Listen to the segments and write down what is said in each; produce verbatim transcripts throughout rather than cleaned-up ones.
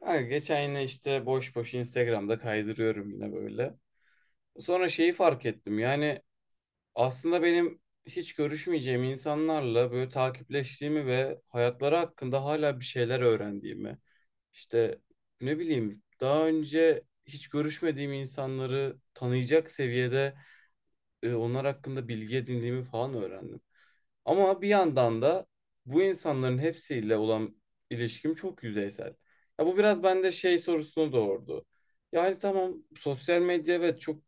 Ha, geçen yine işte boş boş Instagram'da kaydırıyorum yine böyle. Sonra şeyi fark ettim. Yani aslında benim hiç görüşmeyeceğim insanlarla böyle takipleştiğimi ve hayatları hakkında hala bir şeyler öğrendiğimi. İşte ne bileyim daha önce hiç görüşmediğim insanları tanıyacak seviyede e, onlar hakkında bilgi edindiğimi falan öğrendim. Ama bir yandan da bu insanların hepsiyle olan ilişkim çok yüzeysel. Ya bu biraz bende şey sorusunu doğurdu. Yani tamam sosyal medya evet çok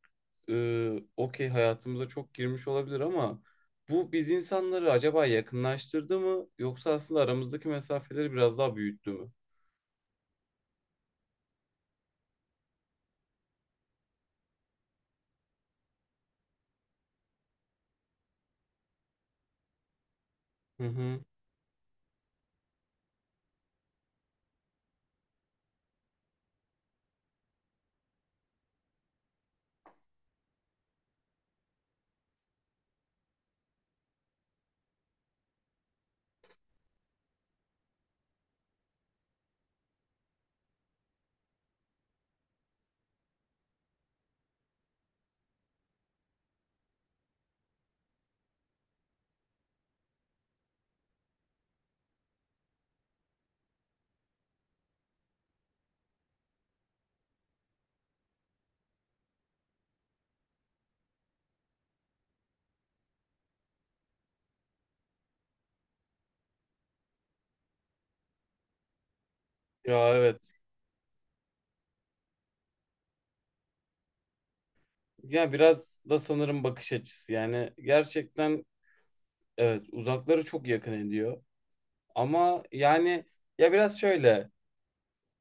e, okey hayatımıza çok girmiş olabilir ama bu biz insanları acaba yakınlaştırdı mı yoksa aslında aramızdaki mesafeleri biraz daha büyüttü mü? Hı hı. Ya evet. Ya biraz da sanırım bakış açısı. Yani gerçekten evet uzakları çok yakın ediyor. Ama yani ya biraz şöyle.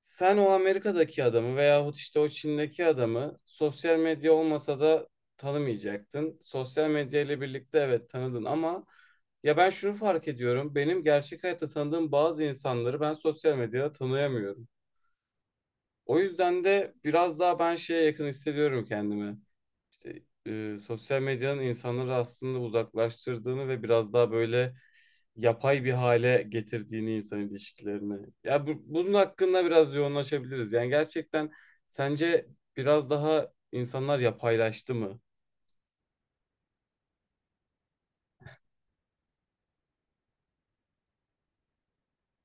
Sen o Amerika'daki adamı veyahut işte o Çin'deki adamı sosyal medya olmasa da tanımayacaktın. Sosyal medya ile birlikte evet tanıdın ama ya ben şunu fark ediyorum. Benim gerçek hayatta tanıdığım bazı insanları ben sosyal medyada tanıyamıyorum. O yüzden de biraz daha ben şeye yakın hissediyorum kendimi işte, e, sosyal medyanın insanları aslında uzaklaştırdığını ve biraz daha böyle yapay bir hale getirdiğini insan ilişkilerini. Ya bu- bunun hakkında biraz yoğunlaşabiliriz. Yani gerçekten sence biraz daha insanlar yapaylaştı mı?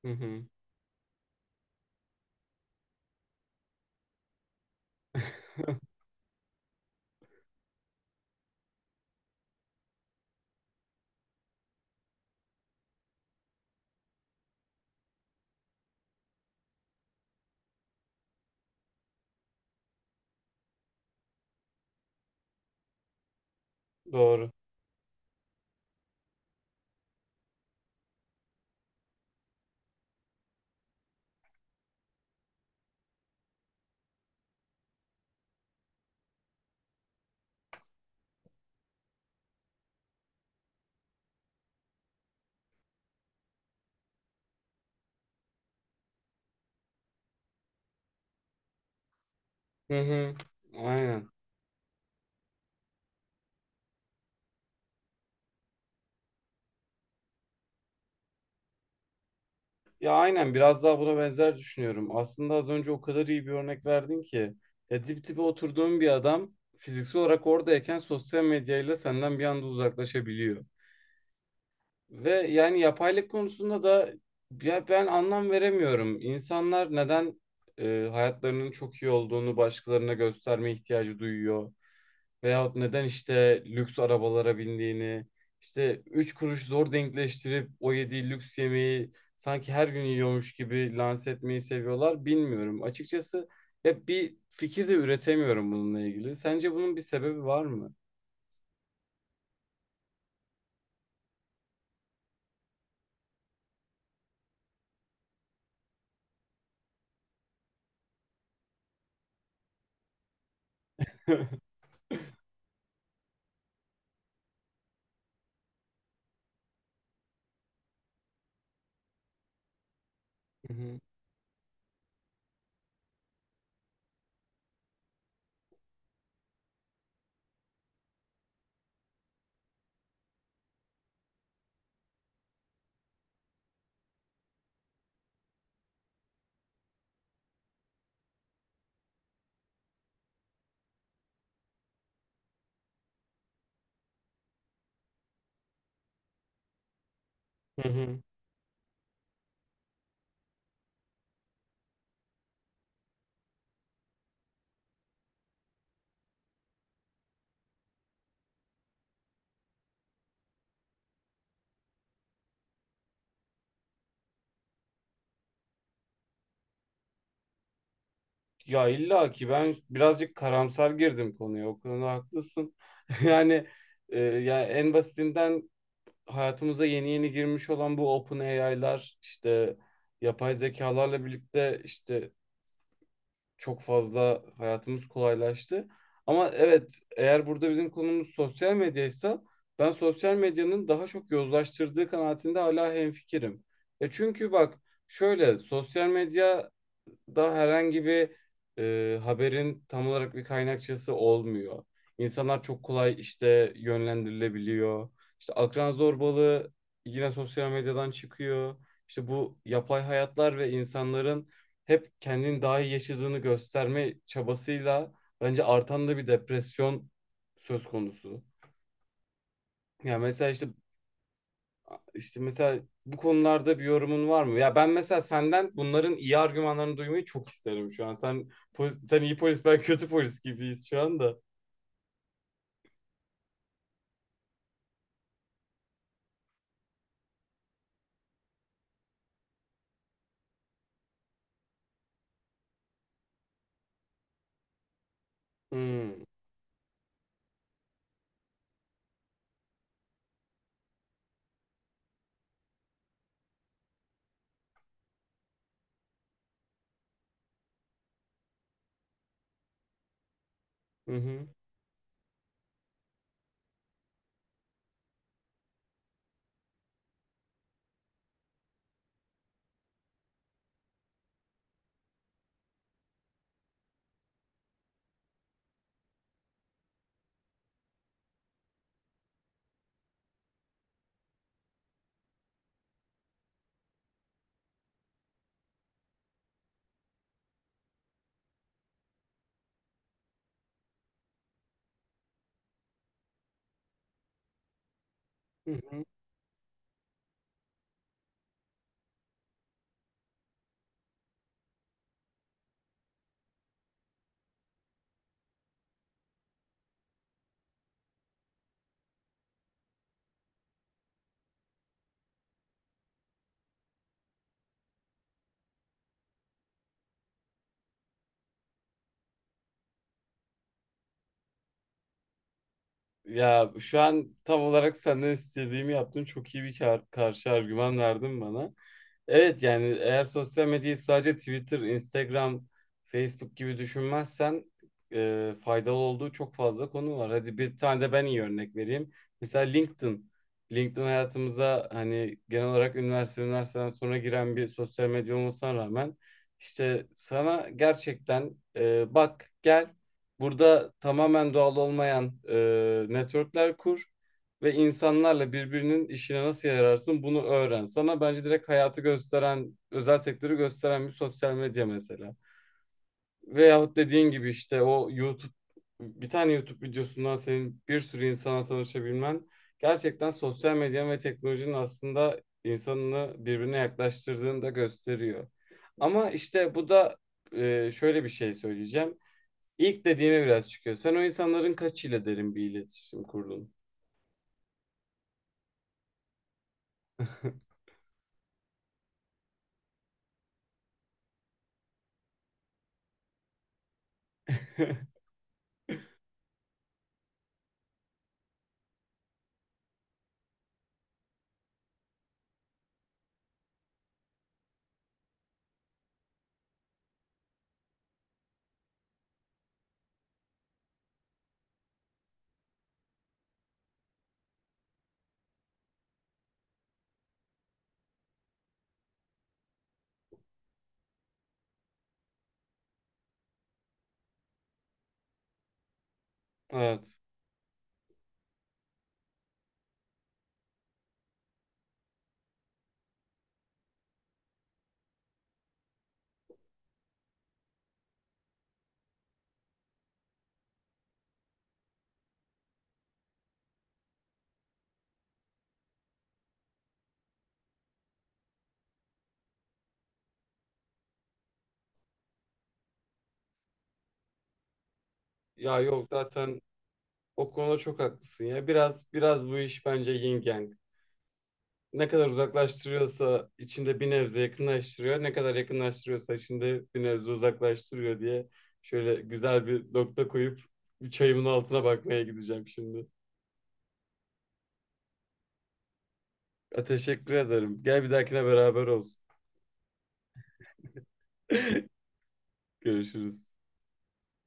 Hı hı. Doğru. Hı hı. Aynen. Ya aynen biraz daha buna benzer düşünüyorum. Aslında az önce o kadar iyi bir örnek verdin ki. Ya dip dibe oturduğun bir adam fiziksel olarak oradayken sosyal medyayla senden bir anda uzaklaşabiliyor. Ve yani yapaylık konusunda da ya ben anlam veremiyorum. İnsanlar neden e, hayatlarının çok iyi olduğunu başkalarına gösterme ihtiyacı duyuyor? Veyahut neden işte lüks arabalara bindiğini, işte üç kuruş zor denkleştirip o yediği lüks yemeği sanki her gün yiyormuş gibi lanse etmeyi seviyorlar bilmiyorum. Açıkçası hep bir fikir de üretemiyorum bununla ilgili. Sence bunun bir sebebi var mı? Hı hı. Hı hı. Ya illa ki ben birazcık karamsar girdim konuya. O konuda haklısın. Yani e, ya en basitinden hayatımıza yeni yeni girmiş olan bu OpenAI'lar işte yapay zekalarla birlikte işte çok fazla hayatımız kolaylaştı. Ama evet eğer burada bizim konumuz sosyal medyaysa ben sosyal medyanın daha çok yozlaştırdığı kanaatinde hala hemfikirim. E çünkü bak şöyle sosyal medya da herhangi bir e, haberin tam olarak bir kaynakçası olmuyor. İnsanlar çok kolay işte yönlendirilebiliyor. İşte akran zorbalığı yine sosyal medyadan çıkıyor. İşte bu yapay hayatlar ve insanların hep kendini daha iyi yaşadığını gösterme çabasıyla bence artan da bir depresyon söz konusu. Yani mesela işte işte mesela bu konularda bir yorumun var mı? Ya ben mesela senden bunların iyi argümanlarını duymayı çok isterim şu an. Sen polis- sen iyi polis, ben kötü polis gibiyiz şu anda. Hmm. Hı hı. Hı hı. Ya şu an tam olarak senden istediğimi yaptın. Çok iyi bir kar- karşı argüman verdin bana. Evet yani eğer sosyal medyayı sadece Twitter, Instagram, Facebook gibi düşünmezsen e, faydalı olduğu çok fazla konu var. Hadi bir tane de ben iyi örnek vereyim. Mesela LinkedIn. LinkedIn hayatımıza hani genel olarak üniversite, üniversiteden sonra giren bir sosyal medya olmasına rağmen işte sana gerçekten e, bak gel burada tamamen doğal olmayan e, networkler kur ve insanlarla birbirinin işine nasıl yararsın bunu öğren. Sana bence direkt hayatı gösteren, özel sektörü gösteren bir sosyal medya mesela. Veyahut dediğin gibi işte o YouTube, bir tane YouTube videosundan senin bir sürü insana tanışabilmen gerçekten sosyal medyanın ve teknolojinin aslında insanını birbirine yaklaştırdığını da gösteriyor. Ama işte bu da e, şöyle bir şey söyleyeceğim. İlk dediğime biraz çıkıyor. Sen o insanların kaçıyla derin bir iletişim kurdun? Evet. Ya yok zaten o konuda çok haklısın ya. Biraz biraz bu iş bence yin yang. Ne kadar uzaklaştırıyorsa içinde bir nebze yakınlaştırıyor, ne kadar yakınlaştırıyorsa içinde bir nebze uzaklaştırıyor diye şöyle güzel bir nokta koyup çayımın altına bakmaya gideceğim şimdi. Ya, teşekkür ederim. Gel bir dahakine beraber olsun. Görüşürüz.